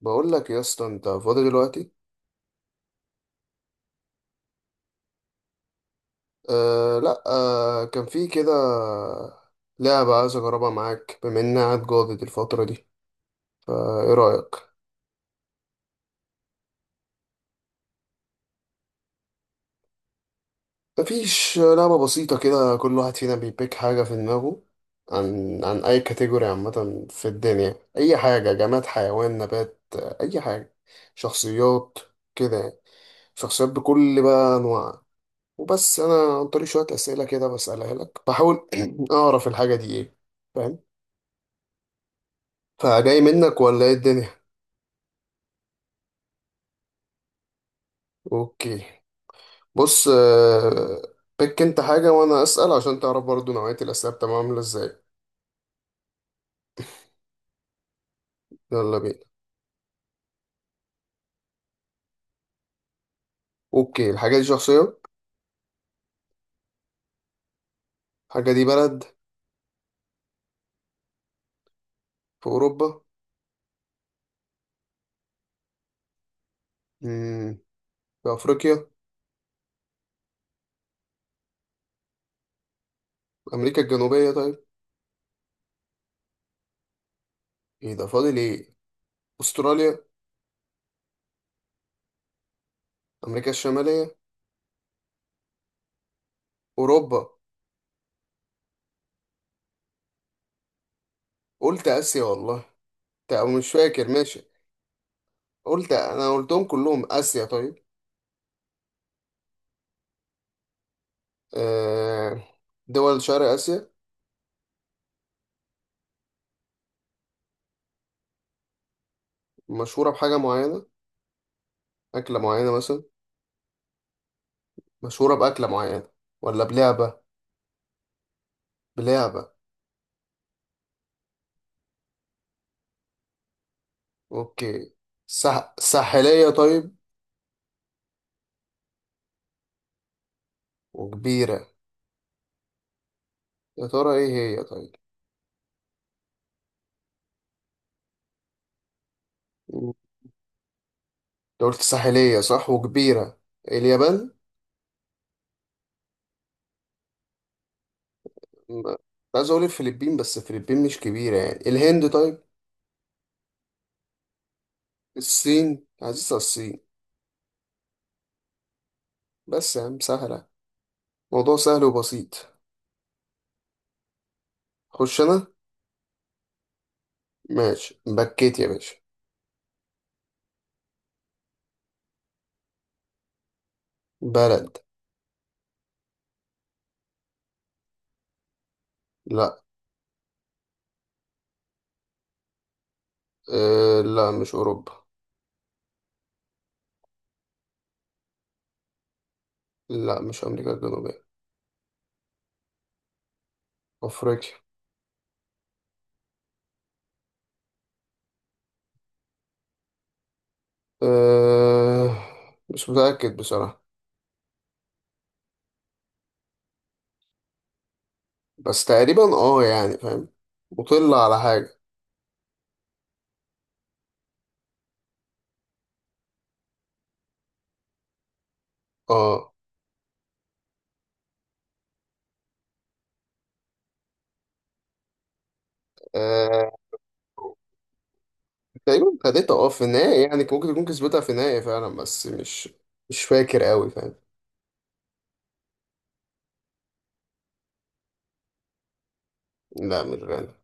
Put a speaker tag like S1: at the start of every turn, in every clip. S1: بقول لك يا اسطى، انت فاضي دلوقتي؟ آه لا، كان في كده لعبة عايز اجربها معاك، بما اني قاعد جاضد الفترة دي، فايه رأيك؟ مفيش لعبة بسيطة كده. كل واحد فينا بيبيك حاجة في دماغه عن اي كاتيجوري عامة في الدنيا. اي حاجة، جماد، حيوان، نبات، اي حاجة، شخصيات كده يعني. شخصيات بكل بقى انواعها. وبس انا عن طريق شوية اسئلة كده بسألها لك بحاول اعرف الحاجة دي ايه. فاهم؟ فجاي منك ولا ايه الدنيا؟ اوكي. بص. بيك انت حاجة وانا اسأل عشان تعرف برضو نوعية الاسئلة بتبقى عاملة ازاي. يلا بينا. اوكي، الحاجة دي شخصية؟ الحاجة دي بلد؟ في اوروبا؟ مم. في افريقيا؟ امريكا الجنوبية طيب؟ ايه ده، فاضل ايه؟ استراليا؟ امريكا الشمالية؟ اوروبا؟ قلت اسيا والله. او مش فاكر، ماشي. قلت، انا قلتهم كلهم. اسيا طيب. آه، دول شرق اسيا. مشهورة بحاجة معينة؟ أكلة معينة مثلا؟ مشهورة بأكلة معينة ولا بلعبة؟ بلعبة؟ أوكي. ساحلية طيب، وكبيرة. يا ترى إيه هي طيب. مم. أنت قلت ساحلية صح، وكبيرة. اليابان؟ كنت عايز أقول الفلبين بس الفلبين مش كبيرة يعني. الهند طيب؟ الصين، عزيزة الصين. بس يا عم سهلة، موضوع سهل وبسيط. خش أنا. ماشي، بكيت يا باشا. بلد. لا. لا، مش أوروبا. لا، مش أمريكا الجنوبية. أفريقيا. أه مش متأكد بصراحة، بس تقريبا يعني، فاهم؟ مطل على حاجة. اه أه، تقريبا خدتها في النهاية، يعني ممكن تكون كسبتها في النهاية فعلا بس مش فاكر قوي، فاهم؟ لا، مش غانا.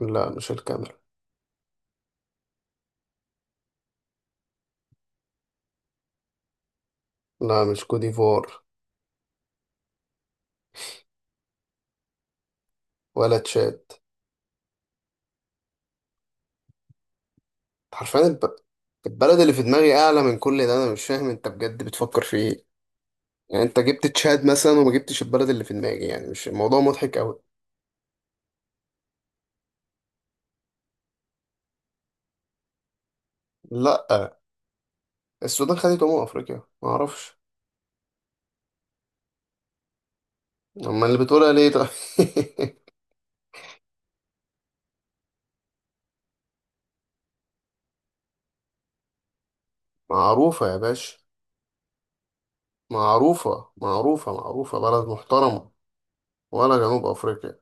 S1: لا، مش الكاميرا. لا، مش كوديفوار. ولا تشاد. حرفيا البلد اللي في دماغي أعلى من كل ده. أنا مش فاهم أنت بجد بتفكر في إيه. يعني أنت جبت تشاد مثلا وما جبتش البلد اللي في دماغي يعني، مش الموضوع مضحك قوي. لا، السودان خدت أمم أفريقيا؟ ما أعرفش. أما اللي بتقولها ليه طيب. معروفة يا باشا. معروفة معروفة معروفة، بلد محترمة. ولا جنوب أفريقيا.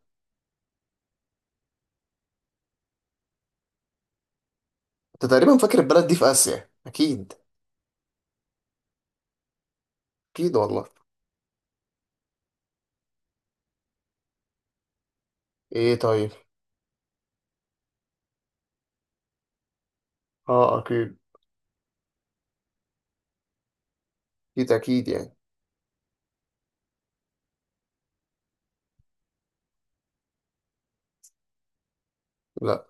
S1: أنت تقريبا فاكر البلد دي في آسيا أكيد. أكيد والله. إيه طيب. أكيد أكيد أكيد يعني. لا.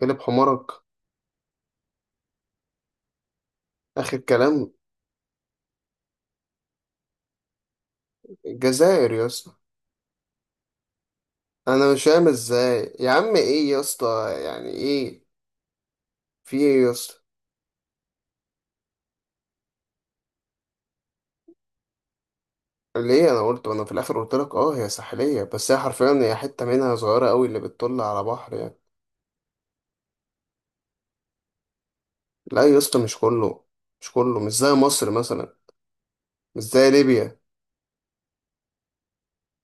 S1: قلب حمارك. آخر كلام. الجزائر يا اسطى. أنا مش فاهم إزاي يا عم، إيه يا اسطى يعني، إيه في إيه يا اسطى. ليه؟ أنا قلت، وأنا في الآخر قلت لك أه، هي ساحلية بس هي حرفيا هي حتة منها صغيرة أوي اللي بتطل على بحر يعني. لا يا اسطى، مش كله، مش كله، مش زي مصر مثلا، مش زي ليبيا.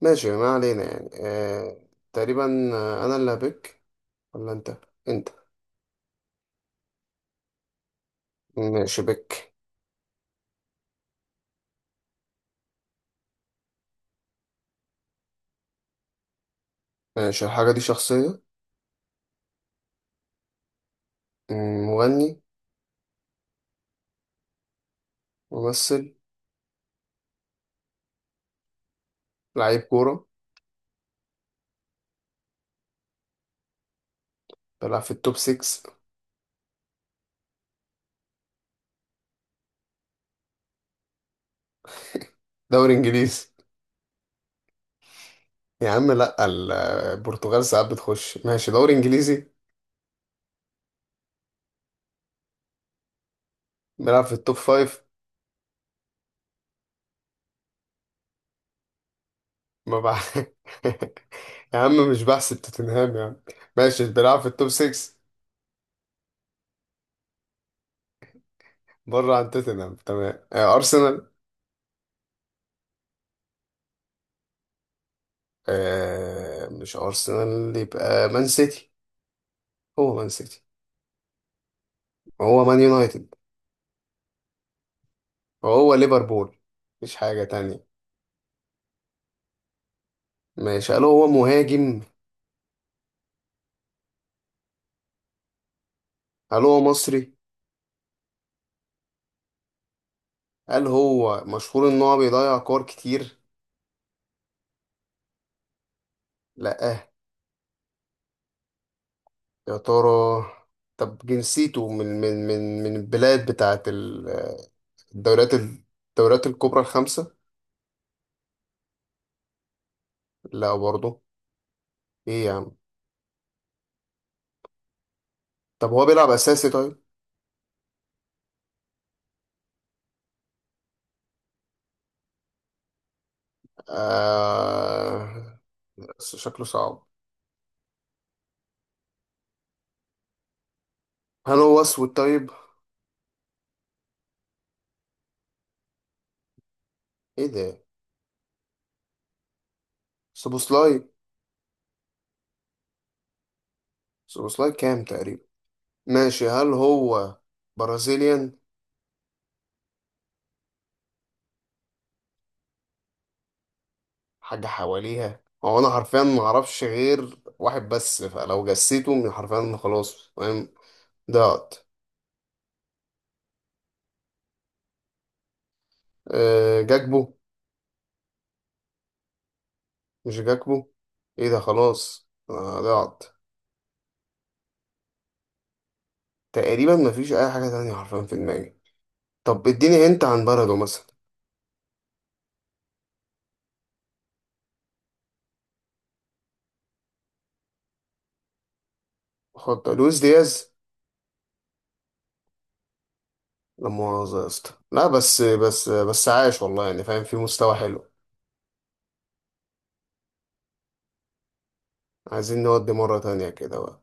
S1: ماشي، ما علينا يعني. تقريبا. انا اللي هبك ولا انت؟ انت. ماشي بك. ماشي، الحاجة دي شخصية. مم، مغني؟ ممثل؟ لعيب كورة؟ بيلعب في التوب 6؟ دوري انجليزي. يا عم لا، البرتغال ساعات بتخش ماشي دوري انجليزي. بيلعب في التوب 5. ما بع... يا عم مش بحسب توتنهام يا عم. ماشي بيلعب في التوب 6. بره عن توتنهام تمام. ارسنال؟ مش ارسنال، يبقى مان سيتي. هو مان سيتي. وهو مان يونايتد. وهو ليفربول. مفيش حاجة تانية. ماشي، هل هو مهاجم؟ هل هو مصري؟ هل هو مشهور ان هو بيضيع كور كتير؟ لا. يا ترى. طب جنسيته من البلاد بتاعت الدوريات الكبرى الخمسة؟ لا برضه. ايه يا عم. طب هو بيلعب اساسي طيب؟ آه... بس شكله صعب. هل هو اسود طيب؟ ايه ده، سوبوسلاي؟ سوبوسلاي كام تقريبا. ماشي، هل هو برازيليان؟ حاجة حواليها هو. انا حرفيا ما اعرفش غير واحد بس، فلو جسيته من حرفيا خلاص، فاهم؟ ضعت. جاكبو؟ مش جاكبو. ايه ده، خلاص ضعت. تقريبا مفيش اي حاجة تانية حرفيا في دماغي. طب اديني انت عن بلده مثلا. خد، لويس دياز. لا مؤاخذة يا اسطى، لا، بس عاش والله يعني فاهم، في مستوى حلو. عايزين نودي مرة تانية كده بقى.